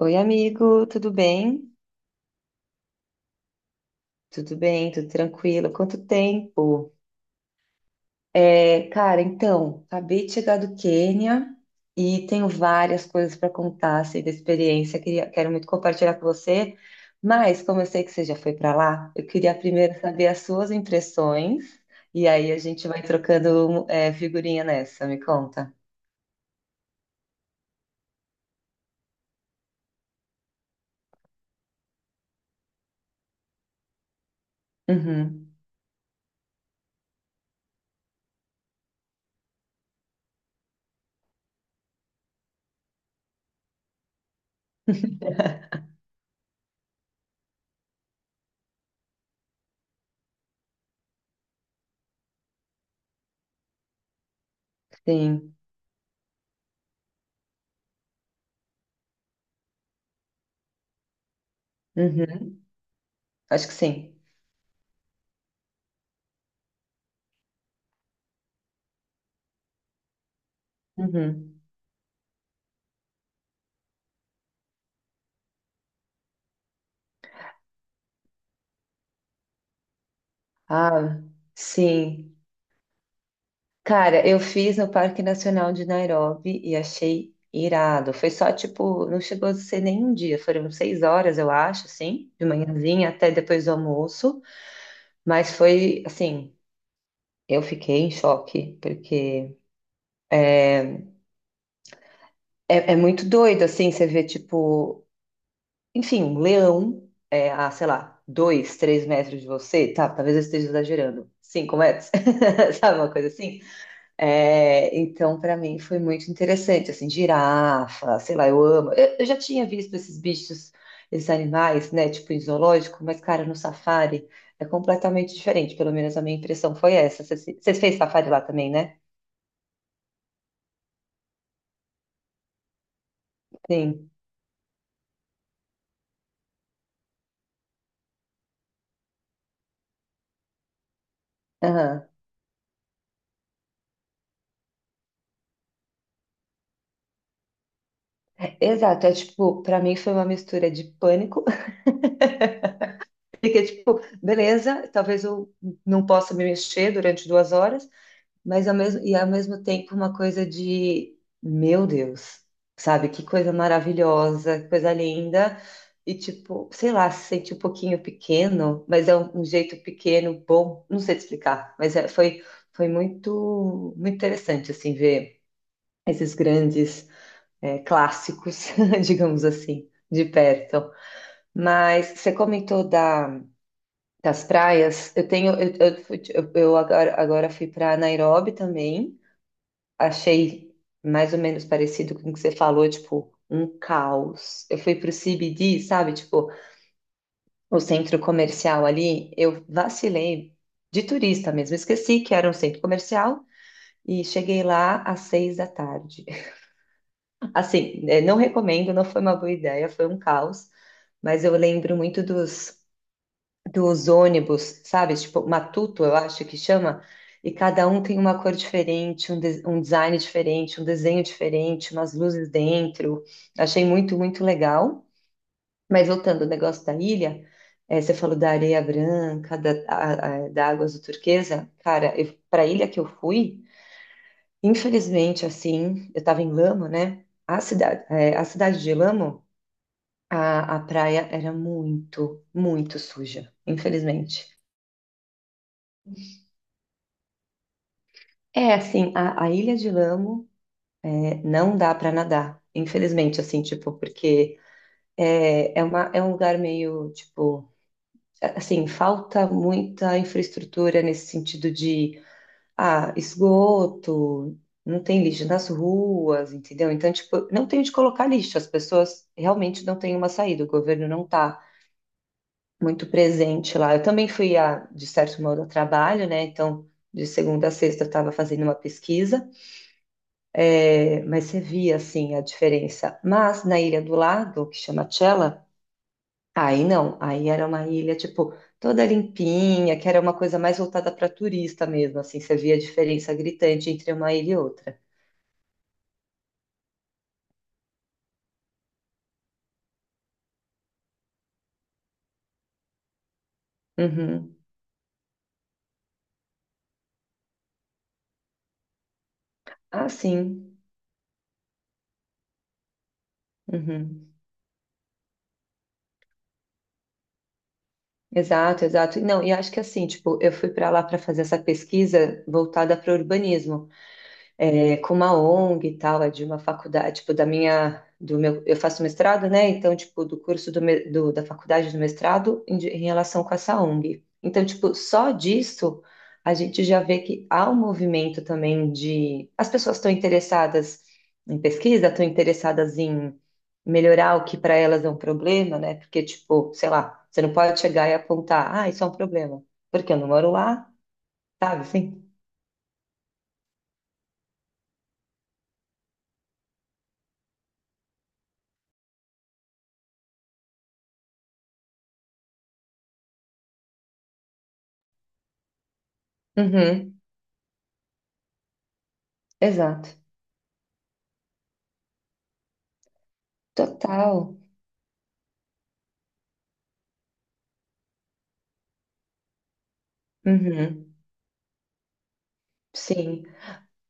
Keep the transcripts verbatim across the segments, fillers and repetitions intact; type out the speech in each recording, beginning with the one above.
Oi, amigo, tudo bem? Tudo bem, tudo tranquilo. Quanto tempo? É, cara, então, acabei de chegar do Quênia e tenho várias coisas para contar assim, da experiência. Queria, quero muito compartilhar com você, mas como eu sei que você já foi para lá, eu queria primeiro saber as suas impressões e aí a gente vai trocando é, figurinha nessa. Me conta. Uhum, sim. Uhum, acho que sim. Uhum. Ah, sim. Cara, eu fiz no Parque Nacional de Nairobi e achei irado. Foi só, tipo, não chegou a ser nem um dia, foram seis horas, eu acho, assim, de manhãzinha até depois do almoço. Mas foi, assim, eu fiquei em choque, porque é, é muito doido, assim, você vê, tipo, enfim, um leão, é, a, sei lá, dois, três metros de você, tá? Talvez eu esteja exagerando, cinco metros, sabe, uma coisa assim? É, então, para mim foi muito interessante, assim, girafa, sei lá, eu amo. Eu, eu já tinha visto esses bichos, esses animais, né, tipo em zoológico, mas, cara, no safari é completamente diferente, pelo menos a minha impressão foi essa. Você você fez safari lá também, né? Sim. Aham. Exato, é tipo, para mim foi uma mistura de pânico, porque, tipo, beleza, talvez eu não possa me mexer durante duas horas. Mas ao mesmo, e ao mesmo tempo uma coisa de, meu Deus, sabe? Que coisa maravilhosa, que coisa linda. E tipo, sei lá, se sente um pouquinho pequeno, mas é um, um jeito pequeno, bom, não sei te explicar, mas é- foi, foi muito, muito interessante, assim, ver esses grandes é, clássicos, digamos assim, de perto. Mas você comentou da, das praias, eu tenho, eu, eu, fui- eu eu agora, agora fui para Nairobi também, achei mais ou menos parecido com o que você falou, tipo, um caos. Eu fui pro C B D, sabe? Tipo, o centro comercial ali, eu vacilei de turista mesmo, esqueci que era um centro comercial e cheguei lá às seis da tarde. Assim, eh, não recomendo, não foi uma boa ideia, foi um caos, mas eu lembro muito dos dos ônibus, sabe? Tipo, Matuto, eu acho que chama. E cada um tem uma cor diferente, um, de- um design diferente, um desenho diferente, umas luzes dentro. Achei muito, muito legal. Mas voltando ao negócio da ilha, eh, você falou da areia branca, da, a- a- da água azul turquesa. Cara, para a ilha que eu fui, infelizmente, assim, eu estava em Lamo, né? A cidade, eh, a cidade de Lamo, a, a praia era muito, muito suja, infelizmente. É, assim, a, a Ilha de Lamo é, não dá para nadar, infelizmente, assim, tipo, porque é, é, uma, é um lugar meio, tipo, a- assim, falta muita infraestrutura nesse sentido de, ah, esgoto, não tem lixo nas ruas, entendeu? Então, tipo, não tem onde colocar lixo, as pessoas realmente não têm uma saída, o governo não tá muito presente lá. Eu também fui, a, de certo modo, a trabalho, né, então, de segunda a sexta eu estava fazendo uma pesquisa. É, mas você via assim a diferença. Mas na ilha do lado, que chama Tchela, aí não, aí era uma ilha tipo toda limpinha, que era uma coisa mais voltada para turista mesmo, assim, você via a diferença gritante entre uma ilha e outra. Uhum. Ah, sim. Uhum. Exato, exato. E Não, e acho que assim, tipo, eu fui para lá para fazer essa pesquisa voltada para urbanismo. é, com uma O N G e tal, é de uma faculdade, tipo, da minha, do meu, eu faço mestrado, né? Então, tipo, do curso do, me- do- da faculdade do mestrado em, de- em relação com essa O N G. Então, tipo, só disso a gente já vê que há um movimento também de, as pessoas estão interessadas em pesquisa, estão interessadas em melhorar o que para elas é um problema, né? Porque, tipo, sei lá, você não pode chegar e apontar, ah, isso é um problema, porque eu não moro lá, sabe, assim? Uhum, exato. Total. Uhum, sim,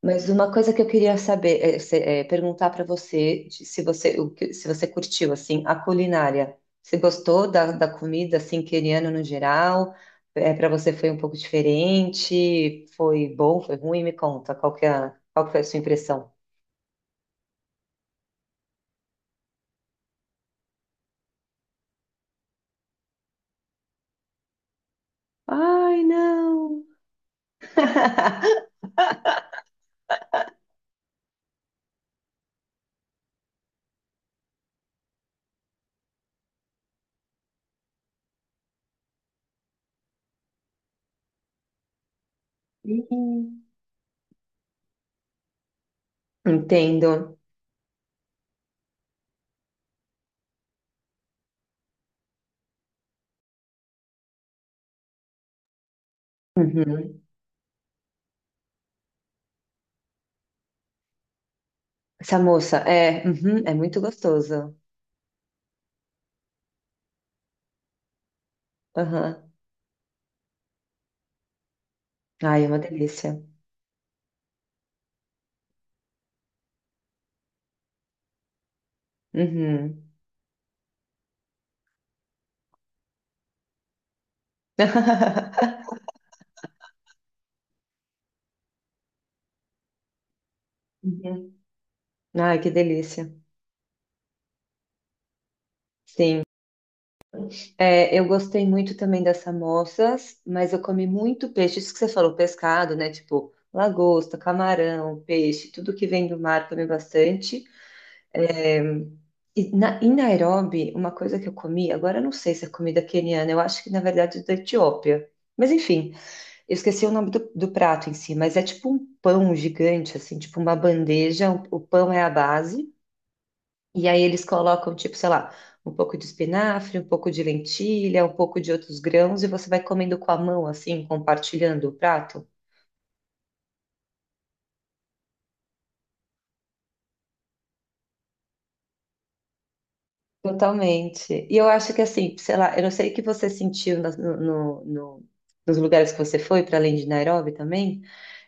mas uma coisa que eu queria saber, é, se- é, perguntar para você, de- se você, o que- se você curtiu, assim, a culinária. Você gostou da, da comida, assim, queriana no geral? É, para você foi um pouco diferente? Foi bom, foi ruim? Me conta, qual que é, a- qual que foi a sua impressão? Ai, não! Uhum. Entendo. Uhum. Essa moça é, uhum, é muito gostosa. Aham. Ai, é uma delícia. Uhum. Ai, que delícia. Sim. É, eu gostei muito também das samosas, mas eu comi muito peixe. Isso que você falou, pescado, né? Tipo, lagosta, camarão, peixe, tudo que vem do mar, comi bastante. E na, em Nairobi, uma coisa que eu comi, agora eu não sei se é comida queniana, eu acho que na verdade é da Etiópia. Mas enfim, eu esqueci o nome do, do prato em si, mas é tipo um pão gigante, assim, tipo uma bandeja, o o pão é a base. E aí eles colocam, tipo, sei lá, um pouco de espinafre, um pouco de lentilha, um pouco de outros grãos, e você vai comendo com a mão, assim, compartilhando o prato. Totalmente. E eu acho que assim, sei lá, eu não sei o que você sentiu nas- no, no- no- nos lugares que você foi, para além de Nairobi também.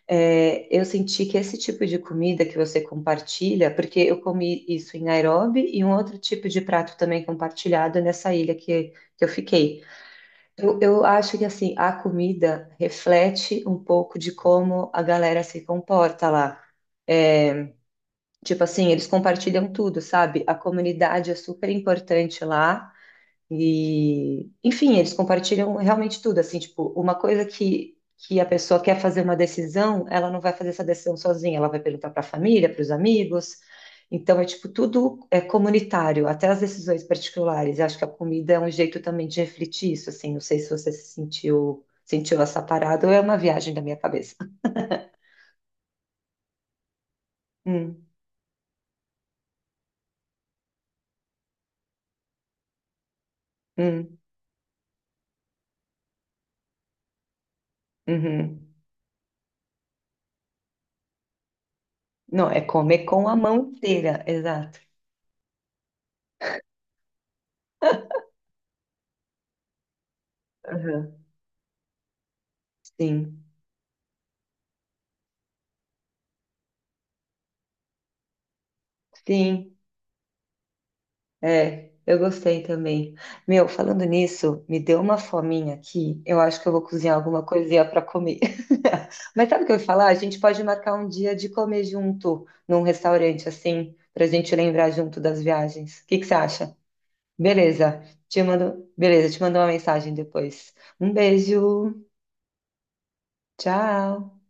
É, eu senti que esse tipo de comida que você compartilha, porque eu comi isso em Nairobi e um outro tipo de prato também compartilhado nessa ilha que, que eu fiquei. Eu, eu acho que assim, a comida reflete um pouco de como a galera se comporta lá. Tipo assim, eles compartilham tudo, sabe? A comunidade é super importante lá. E, enfim, eles compartilham realmente tudo, assim, tipo, uma coisa que, que a pessoa quer fazer uma decisão, ela não vai fazer essa decisão sozinha, ela vai perguntar para a família, para os amigos. Então, é tipo, tudo é comunitário, até as decisões particulares. Eu acho que a comida é um jeito também de refletir isso, assim, não sei se você se sentiu, sentiu essa parada ou é uma viagem da minha cabeça. Hum, hum, uhum. Não, é comer com a mão inteira, exato. Aham, sim, sim. É, eu gostei também. Meu, falando nisso, me deu uma fominha aqui. Eu acho que eu vou cozinhar alguma coisinha para comer. Mas sabe o que eu ia falar? A gente pode marcar um dia de comer junto num restaurante assim, pra gente lembrar junto das viagens. O que que você acha? Beleza. Te mando, beleza, te mando uma mensagem depois. Um beijo. Tchau.